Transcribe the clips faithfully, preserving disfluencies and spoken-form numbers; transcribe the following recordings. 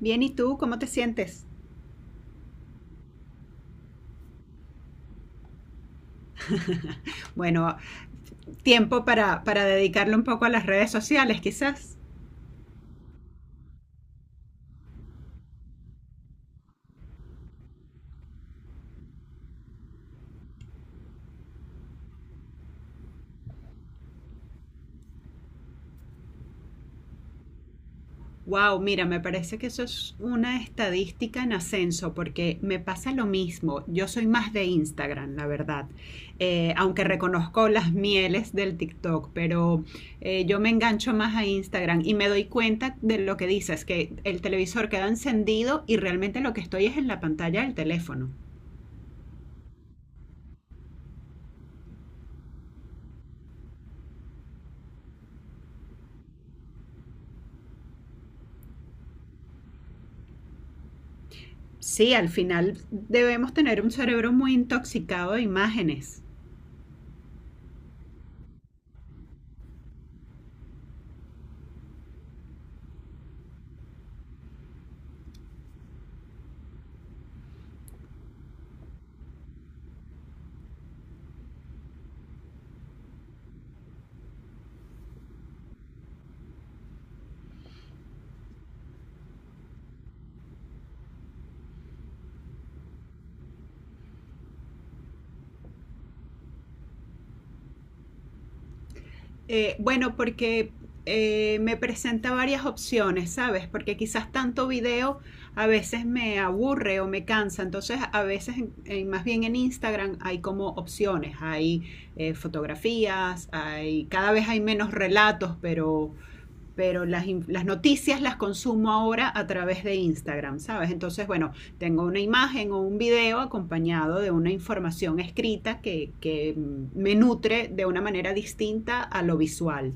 Bien, ¿y tú cómo te sientes? Bueno, tiempo para, para dedicarle un poco a las redes sociales, quizás. Wow, mira, me parece que eso es una estadística en ascenso porque me pasa lo mismo. Yo soy más de Instagram, la verdad. Eh, aunque reconozco las mieles del TikTok, pero eh, yo me engancho más a Instagram y me doy cuenta de lo que dices, que el televisor queda encendido y realmente lo que estoy es en la pantalla del teléfono. Sí, al final debemos tener un cerebro muy intoxicado de imágenes. Eh, bueno, porque eh, me presenta varias opciones, ¿sabes? Porque quizás tanto video a veces me aburre o me cansa. Entonces, a veces, eh, más bien en Instagram, hay como opciones. Hay eh, fotografías, hay, cada vez hay menos relatos, pero pero las, las, noticias las consumo ahora a través de Instagram, ¿sabes? Entonces, bueno, tengo una imagen o un video acompañado de una información escrita que, que me nutre de una manera distinta a lo visual.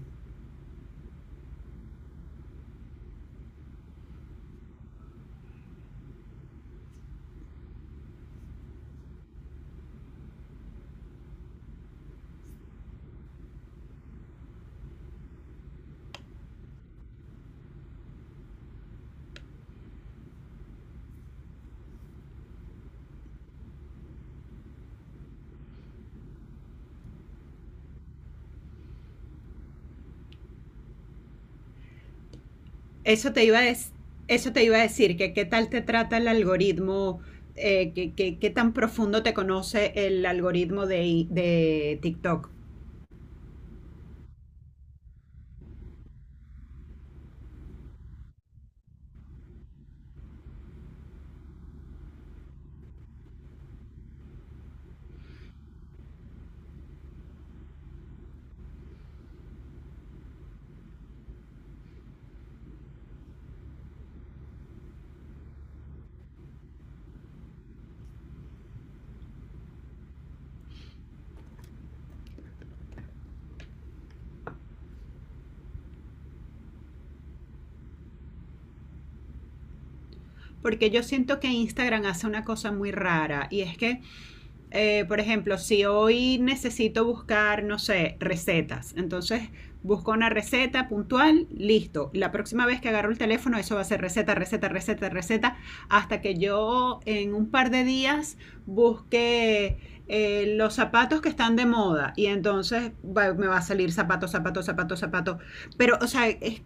Eso te iba a, des, Eso te iba a decir, que qué tal te trata el algoritmo, eh, que, que, qué tan profundo te conoce el algoritmo de, de TikTok. Porque yo siento que Instagram hace una cosa muy rara y es que eh, por ejemplo, si hoy necesito buscar, no sé, recetas, entonces busco una receta puntual, listo. La próxima vez que agarro el teléfono, eso va a ser receta, receta, receta, receta, hasta que yo en un par de días busque eh, los zapatos que están de moda y entonces va- me va a salir zapato, zapato, zapato, zapato. Pero, o sea, es-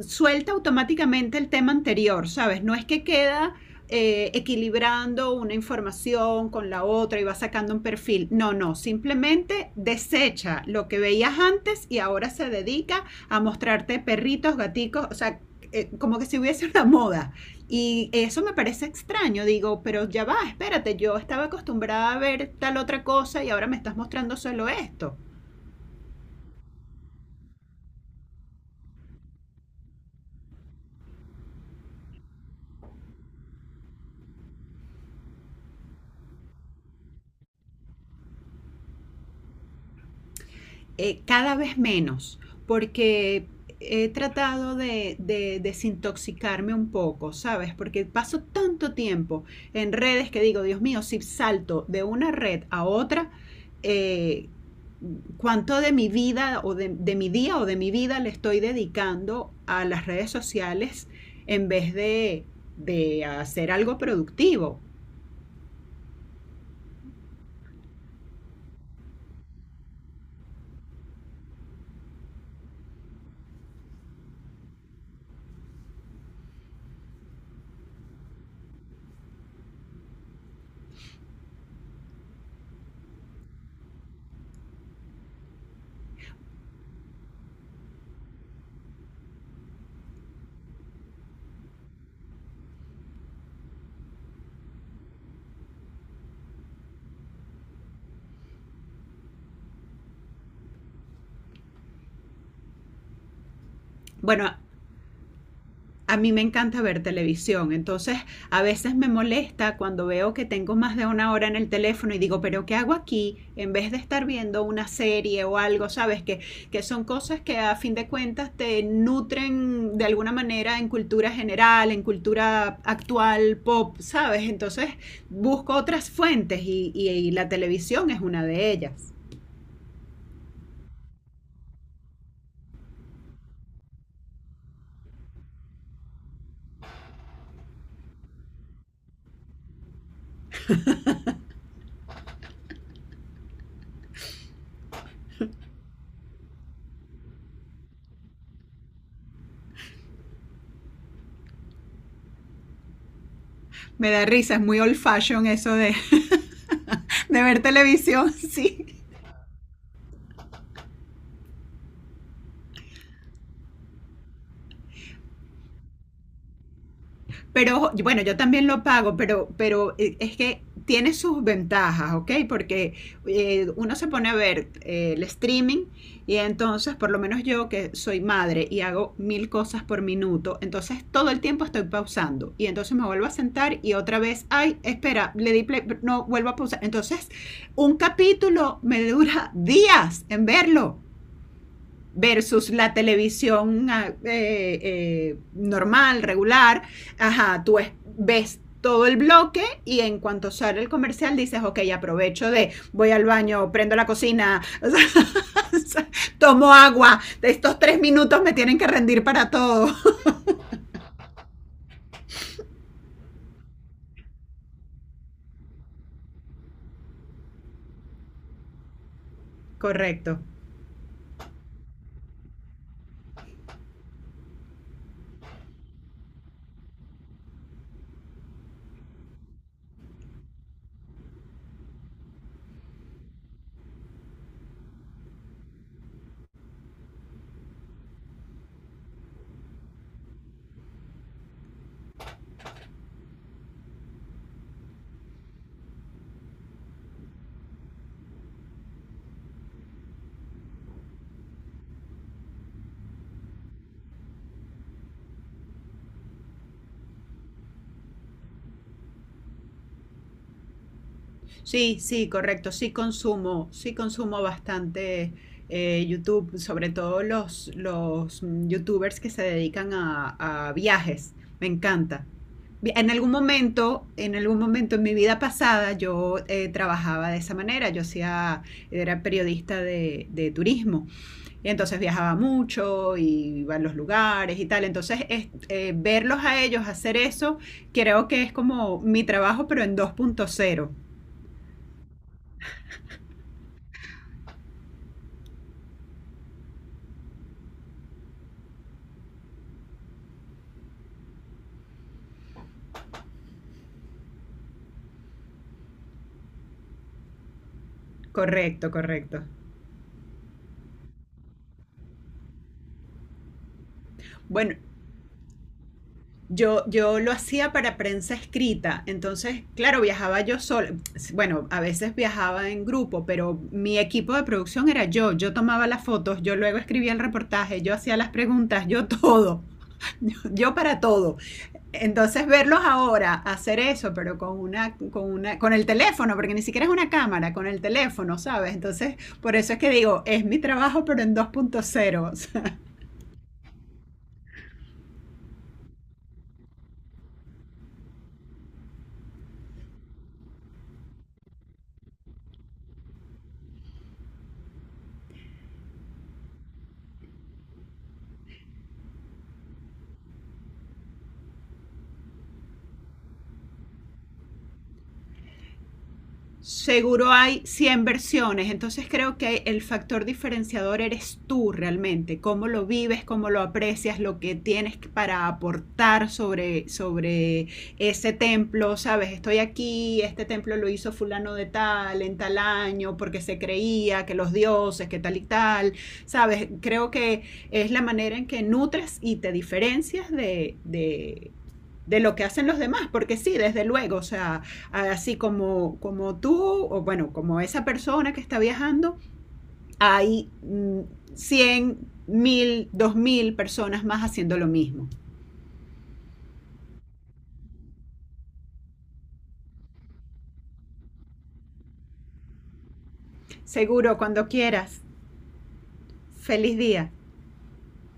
suelta automáticamente el tema anterior, ¿sabes? No es que queda eh, equilibrando una información con la otra y va sacando un perfil. No, no, simplemente desecha lo que veías antes y ahora se dedica a mostrarte perritos, gaticos, o sea, eh, como que si hubiese una moda. Y eso me parece extraño, digo, pero ya va, espérate, yo estaba acostumbrada a ver tal otra cosa y ahora me estás mostrando solo esto. Eh, cada vez menos, porque he tratado de, de desintoxicarme un poco, ¿sabes? Porque paso tanto tiempo en redes que digo, Dios mío, si salto de una red a otra, eh, cuánto de mi vida o de, de, mi día o de mi vida le estoy dedicando a las redes sociales en vez de, de hacer algo productivo. Bueno, a mí me encanta ver televisión, entonces a veces me molesta cuando veo que tengo más de una hora en el teléfono y digo, pero ¿qué hago aquí? En vez de estar viendo una serie o algo, ¿sabes? Que, que son cosas que a fin de cuentas te nutren de alguna manera en cultura general, en cultura actual, pop, ¿sabes? Entonces busco otras fuentes y, y- y la televisión es una de ellas. Me da risa, es muy old fashion eso de, de ver televisión, sí. Pero bueno, yo también lo pago, pero, pero eh, es que tiene sus ventajas, ¿ok? Porque eh, uno se pone a ver eh, el streaming y entonces, por lo menos yo que soy madre y hago mil cosas por minuto, entonces todo el tiempo estoy pausando y entonces me vuelvo a sentar y otra vez, ay, espera, le di play, no, vuelvo a pausar. Entonces, un capítulo me dura días en verlo versus la televisión ah, eh, eh, normal, regular, ajá, tú ves todo el bloque y en cuanto sale el comercial dices, ok, aprovecho de, voy al baño, prendo la cocina, tomo agua, de estos tres minutos me tienen que rendir para todo. Correcto. Sí, sí, correcto. Sí consumo, sí consumo bastante eh, YouTube, sobre todo los, los mm, YouTubers que se dedican a, a viajes. Me encanta. Vi- En algún momento, en algún momento en mi vida pasada, yo eh, trabajaba de esa manera. Yo hacía, era periodista de, de turismo. Y entonces viajaba mucho, y iba a los lugares y tal. Entonces, es- eh, verlos a ellos hacer eso, creo que es como mi trabajo, pero en dos punto cero. Correcto, correcto. Bueno, yo, yo lo hacía para prensa escrita, entonces, claro, viajaba yo sola. Bueno, a veces viajaba en grupo, pero mi equipo de producción era yo. Yo tomaba las fotos, yo luego escribía el reportaje, yo hacía las preguntas, yo todo. Yo para todo. Entonces verlos ahora hacer eso, pero con una, con una, con el teléfono, porque ni siquiera es una cámara, con el teléfono, ¿sabes? Entonces, por eso es que digo, es mi trabajo, pero en dos punto cero. Seguro hay cien versiones, entonces creo que el factor diferenciador eres tú realmente, cómo lo vives, cómo lo aprecias, lo que tienes para aportar sobre, sobre ese templo, sabes, estoy aquí, este templo lo hizo fulano de tal, en tal año, porque se creía que los dioses, que tal y tal, sabes, creo que es la manera en que nutres y te diferencias de... de de lo que hacen los demás, porque sí, desde luego, o sea, así como, como tú, o bueno, como esa persona que está viajando, hay mm, cien mil dos mil personas más haciendo lo mismo. Seguro, cuando quieras. Feliz día.